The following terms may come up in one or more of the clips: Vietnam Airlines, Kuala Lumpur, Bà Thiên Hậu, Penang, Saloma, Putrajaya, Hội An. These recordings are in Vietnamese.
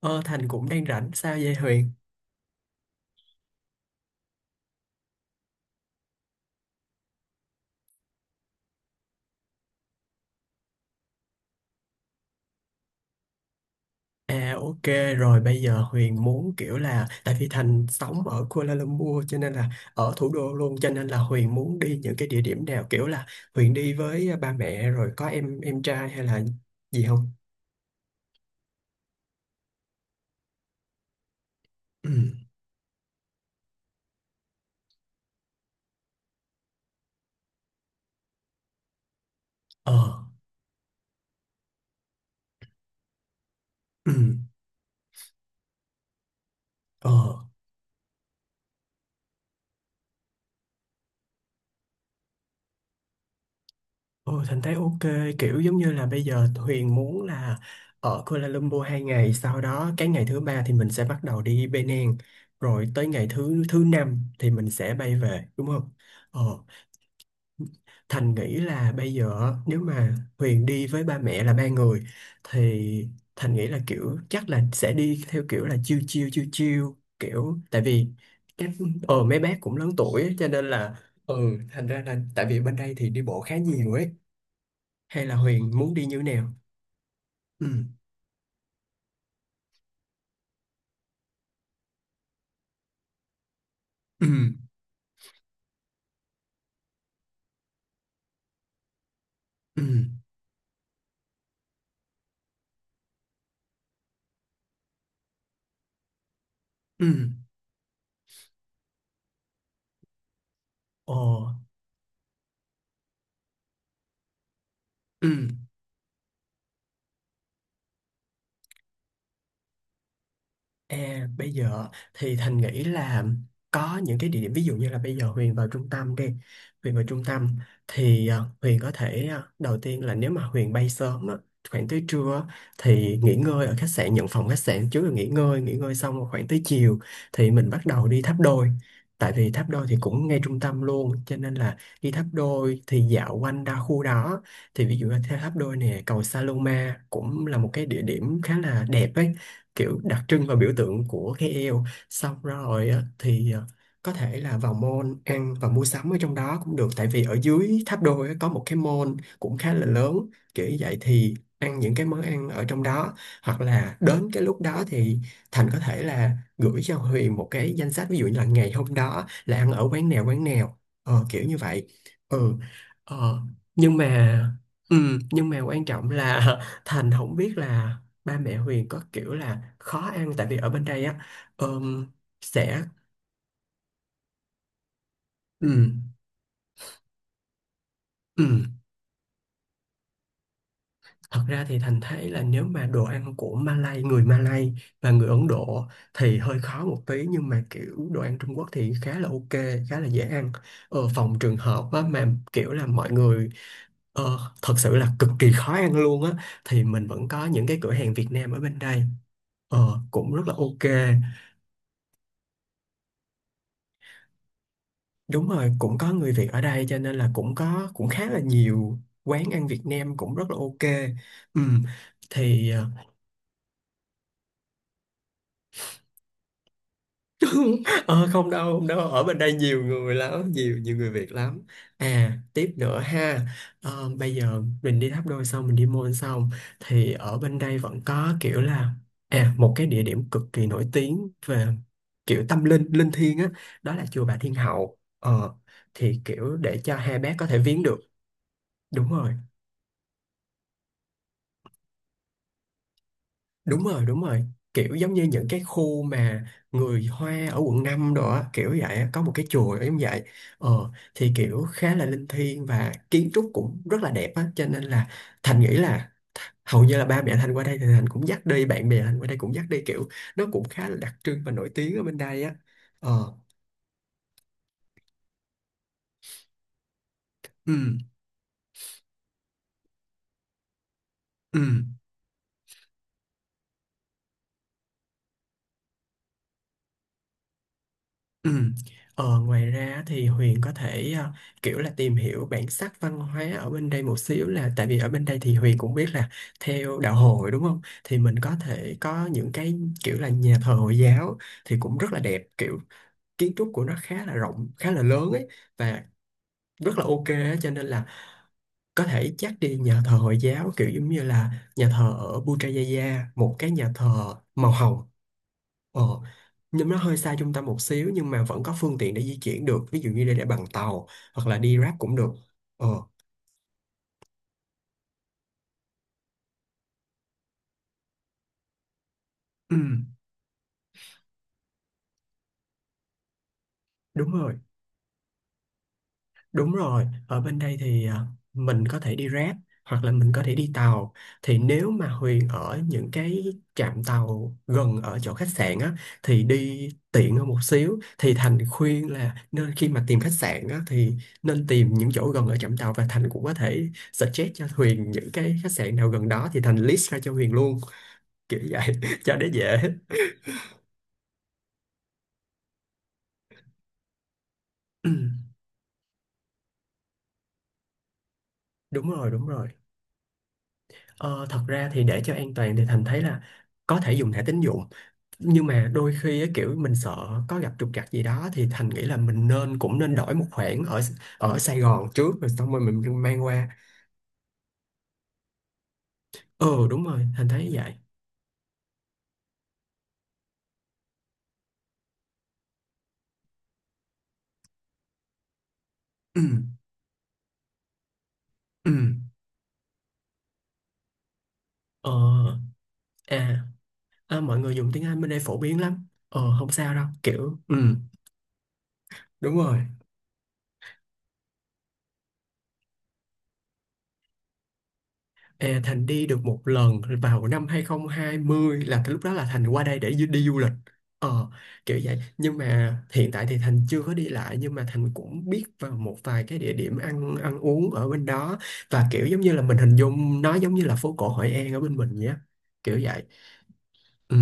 Ờ, Thành cũng đang rảnh sao vậy Huyền? Ok rồi bây giờ Huyền muốn kiểu là tại vì Thành sống ở Kuala Lumpur cho nên là ở thủ đô luôn cho nên là Huyền muốn đi những cái địa điểm nào kiểu là Huyền đi với ba mẹ rồi có em trai hay là gì không? Ừ. Ờ. Ừ. Ờ. Ừ, Thành thấy ok, kiểu giống như là bây giờ Huyền muốn là ở Kuala Lumpur 2 ngày, sau đó cái ngày thứ ba thì mình sẽ bắt đầu đi Penang, rồi tới ngày thứ thứ năm thì mình sẽ bay về đúng không? Ờ, Thành nghĩ là bây giờ nếu mà Huyền đi với ba mẹ là 3 người thì Thành nghĩ là kiểu chắc là sẽ đi theo kiểu là chill chill chill chill, kiểu tại vì các mấy bác cũng lớn tuổi á, cho nên là ừ, thành ra là tại vì bên đây thì đi bộ khá nhiều ấy, hay là Huyền muốn đi như thế nào? Ừ, ừ, ừ, ừ, ồ, ừ. À, bây giờ thì Thành nghĩ là có những cái địa điểm ví dụ như là bây giờ Huyền vào trung tâm đi, Huyền vào trung tâm thì Huyền có thể đầu tiên là nếu mà Huyền bay sớm á, khoảng tới trưa á, thì nghỉ ngơi ở khách sạn, nhận phòng khách sạn trước rồi nghỉ ngơi, xong rồi khoảng tới chiều thì mình bắt đầu đi tháp đôi. Tại vì tháp đôi thì cũng ngay trung tâm luôn cho nên là đi tháp đôi thì dạo quanh đa khu đó, thì ví dụ là theo tháp đôi nè, cầu Saloma cũng là một cái địa điểm khá là đẹp ấy, kiểu đặc trưng và biểu tượng của cái eo. Xong rồi á, thì có thể là vào mall ăn và mua sắm ở trong đó cũng được, tại vì ở dưới tháp đôi á, có một cái mall cũng khá là lớn, kiểu như vậy thì ăn những cái món ăn ở trong đó. Hoặc là đến cái lúc đó thì Thành có thể là gửi cho Huyền một cái danh sách, ví dụ như là ngày hôm đó là ăn ở quán nào quán nào, kiểu như vậy. Ừ, ờ, nhưng mà ừ, nhưng mà quan trọng là Thành không biết là ba mẹ Huyền có kiểu là khó ăn, tại vì ở bên đây á ờm, sẽ ừ, ừ. Thật ra thì Thành thấy là nếu mà đồ ăn của Malay, người Malay và người Ấn Độ thì hơi khó một tí, nhưng mà kiểu đồ ăn Trung Quốc thì khá là ok, khá là dễ ăn. Ờ, phòng trường hợp á, mà kiểu là mọi người thật sự là cực kỳ khó ăn luôn á thì mình vẫn có những cái cửa hàng Việt Nam ở bên đây, ờ, cũng rất là ok. Đúng rồi, cũng có người Việt ở đây cho nên là cũng có, cũng khá là nhiều quán ăn Việt Nam cũng rất là ok. Ừ, thì ờ, không đâu, không đâu, ở bên đây nhiều người lắm, nhiều, nhiều người Việt lắm. À, tiếp nữa ha. Ờ, bây giờ mình đi Tháp Đôi xong mình đi Môn xong thì ở bên đây vẫn có kiểu là à, một cái địa điểm cực kỳ nổi tiếng về kiểu tâm linh, linh thiêng á, đó là chùa Bà Thiên Hậu. Ờ, thì kiểu để cho hai bác có thể viếng được. Đúng rồi. Đúng rồi, kiểu giống như những cái khu mà người Hoa ở quận 5 đó á, kiểu vậy á, có một cái chùa giống vậy. ờ thì kiểu khá là linh thiêng và kiến trúc cũng rất là đẹp á, cho nên là Thành nghĩ là hầu như là ba mẹ Thành qua đây thì Thành cũng dắt đi, bạn bè Thành qua đây cũng dắt đi, kiểu nó cũng khá là đặc trưng và nổi tiếng ở bên đây á. Ờ, ừ, ừ. Ừ. Ờ, ngoài ra thì Huyền có thể kiểu là tìm hiểu bản sắc văn hóa ở bên đây một xíu, là tại vì ở bên đây thì Huyền cũng biết là theo đạo Hồi đúng không? Thì mình có thể có những cái kiểu là nhà thờ Hồi giáo thì cũng rất là đẹp, kiểu kiến trúc của nó khá là rộng, khá là lớn ấy, và rất là ok á, cho nên là có thể chắc đi nhà thờ Hồi giáo, kiểu giống như là nhà thờ ở Putrajaya, một cái nhà thờ màu hồng. Ờ, nhưng nó hơi xa trung tâm một xíu, nhưng mà vẫn có phương tiện để di chuyển được, ví dụ như đi để bằng tàu hoặc là đi Grab cũng được. ờ ừ, đúng rồi, đúng rồi, ở bên đây thì mình có thể đi Grab hoặc là mình có thể đi tàu. Thì nếu mà Huyền ở những cái trạm tàu gần ở chỗ khách sạn á thì đi tiện hơn một xíu, thì Thành khuyên là nên khi mà tìm khách sạn á thì nên tìm những chỗ gần ở trạm tàu. Và Thành cũng có thể suggest cho Huyền những cái khách sạn nào gần đó thì Thành list ra cho Huyền luôn, kiểu vậy cho để dễ. Ừ, đúng rồi, đúng rồi. Ờ, thật ra thì để cho an toàn thì Thành thấy là có thể dùng thẻ tín dụng, nhưng mà đôi khi á, kiểu mình sợ có gặp trục trặc gì đó thì Thành nghĩ là mình nên cũng nên đổi một khoản ở ở Sài Gòn trước rồi xong rồi mình mang qua. Ừ, đúng rồi Thành thấy vậy. Ừ, ừ, ờ. À, à, mọi người dùng tiếng Anh bên đây phổ biến lắm, ờ, không sao đâu kiểu, ừ, đúng rồi. Ê, Thành đi được một lần vào năm 2020, là cái lúc đó là Thành qua đây để đi du lịch, ờ, kiểu vậy. Nhưng mà hiện tại thì Thành chưa có đi lại, nhưng mà Thành cũng biết vào một vài cái địa điểm ăn ăn uống ở bên đó, và kiểu giống như là mình hình dung nó giống như là phố cổ Hội An ở bên mình nhé, kiểu vậy. Ừ,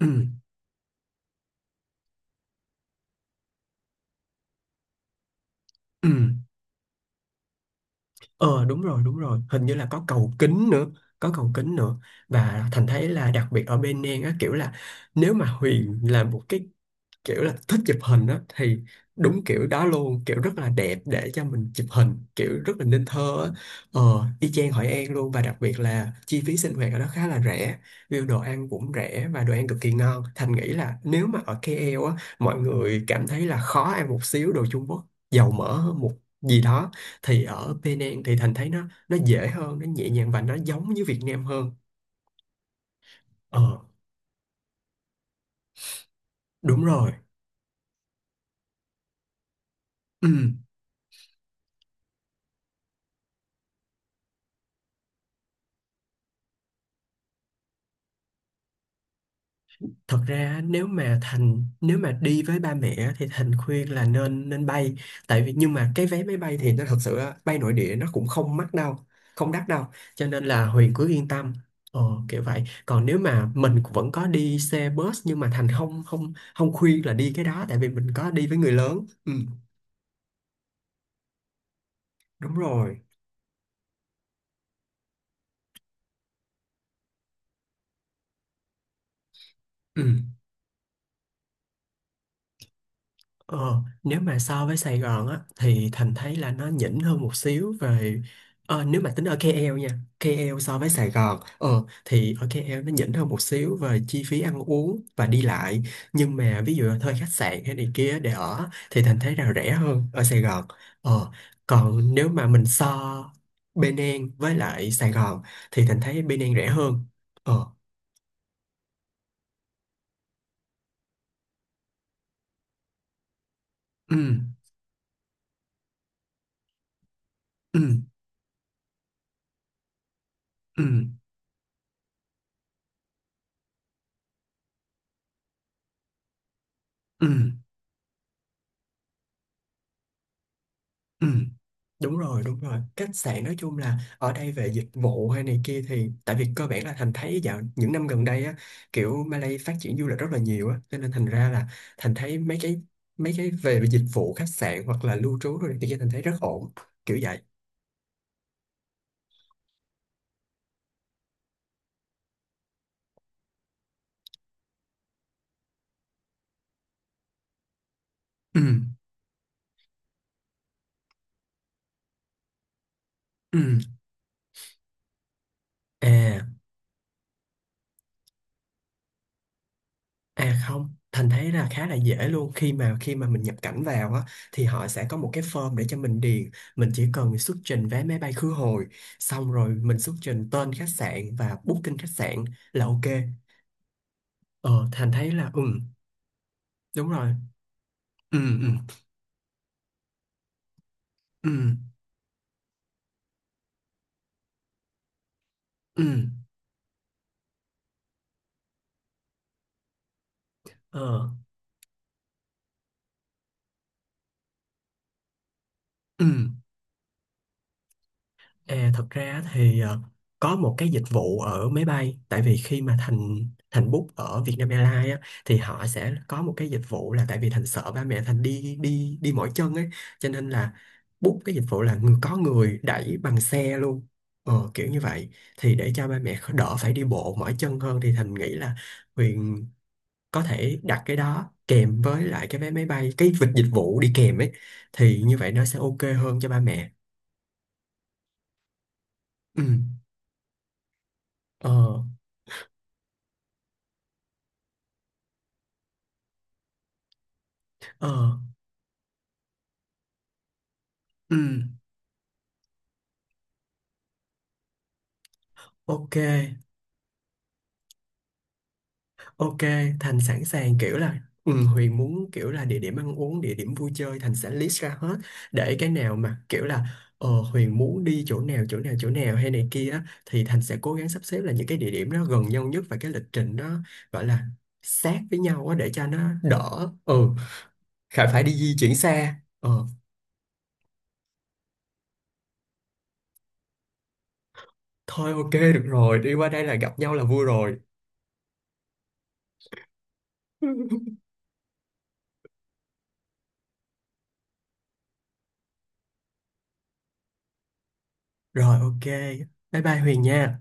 ừ, ừ. Ờ, đúng rồi, đúng rồi, hình như là có cầu kính nữa, có cầu kính nữa. Và Thành thấy là đặc biệt ở bên An á, kiểu là nếu mà Huyền làm một cái kiểu là thích chụp hình á thì đúng kiểu đó luôn, kiểu rất là đẹp để cho mình chụp hình, kiểu rất là nên thơ á. Ờ, y chang Hội An luôn, và đặc biệt là chi phí sinh hoạt ở đó khá là rẻ, view đồ ăn cũng rẻ và đồ ăn cực kỳ ngon. Thành nghĩ là nếu mà ở KL á, mọi người cảm thấy là khó ăn một xíu, đồ Trung Quốc dầu mỡ hơn một gì đó, thì ở Penang thì Thành thấy nó dễ hơn, nó nhẹ nhàng và nó giống như Việt Nam hơn. Ờ, đúng rồi. Ừ, thật ra nếu mà Thành, nếu mà đi với ba mẹ á, thì Thành khuyên là nên nên bay. Tại vì nhưng mà cái vé máy bay thì nó thật sự á, bay nội địa nó cũng không mắc đâu, không đắt đâu, cho nên là Huyền cứ yên tâm. Ờ, kiểu vậy. Còn nếu mà mình cũng vẫn có đi xe bus, nhưng mà Thành không không không khuyên là đi cái đó, tại vì mình có đi với người lớn. Ừ, đúng rồi. Ừ. Ờ, nếu mà so với Sài Gòn á thì Thành thấy là nó nhỉnh hơn một xíu về, ờ, nếu mà tính ở KL nha, KL so với Sài Gòn ờ, thì ở KL nó nhỉnh hơn một xíu về chi phí ăn uống và đi lại, nhưng mà ví dụ là thuê khách sạn hay này kia để ở thì Thành thấy là rẻ hơn ở Sài Gòn. Ờ, còn nếu mà mình so Bên An với lại Sài Gòn thì Thành thấy Bên An rẻ hơn. Ờ, ừ, ừ, ừ, ừ, ừ, ừ. Đúng rồi, đúng rồi. Khách sạn nói chung là ở đây về dịch vụ hay này kia, thì tại vì cơ bản là Thành thấy dạo những năm gần đây á, kiểu Malay phát triển du lịch rất là nhiều á cho nên thành ra là Thành thấy mấy cái về dịch vụ khách sạn hoặc là lưu trú rồi thì Thành thấy rất ổn, kiểu vậy. Ừ. Ừ. À. À, không, Thành thấy là khá là dễ luôn. Khi mà mình nhập cảnh vào á thì họ sẽ có một cái form để cho mình điền, mình chỉ cần xuất trình vé máy bay khứ hồi, xong rồi mình xuất trình tên khách sạn và booking khách sạn là ok. Ờ, Thành thấy là ừ, đúng rồi. Ừ, ừ, ừ, ừ, ờ, ừ. À, thật ra thì có một cái dịch vụ ở máy bay, tại vì khi mà Thành Thành book ở Vietnam Airlines á, thì họ sẽ có một cái dịch vụ là, tại vì Thành sợ ba mẹ Thành đi đi đi mỏi chân ấy, cho nên là book cái dịch vụ là có người đẩy bằng xe luôn, ờ, kiểu như vậy, thì để cho ba mẹ đỡ phải đi bộ mỏi chân hơn. Thì Thành nghĩ là Huyền có thể đặt cái đó kèm với lại cái vé máy bay, cái vịt dịch vụ đi kèm ấy, thì như vậy nó sẽ ok hơn cho ba mẹ. Ừ. Ờ. Ờ. Ừ, ok, ok, Thành sẵn sàng kiểu là ừ, Huyền muốn kiểu là địa điểm ăn uống, địa điểm vui chơi Thành sẽ list ra hết, để cái nào mà kiểu là Huyền muốn đi chỗ nào, chỗ nào, chỗ nào hay này kia á, thì Thành sẽ cố gắng sắp xếp là những cái địa điểm nó gần nhau nhất, và cái lịch trình nó gọi là sát với nhau á, để cho nó đỡ, ừ, khỏi phải đi di chuyển xa. Ờ, thôi ok được rồi, đi qua đây là gặp nhau là vui rồi. Rồi ok, bye bye Huyền nha.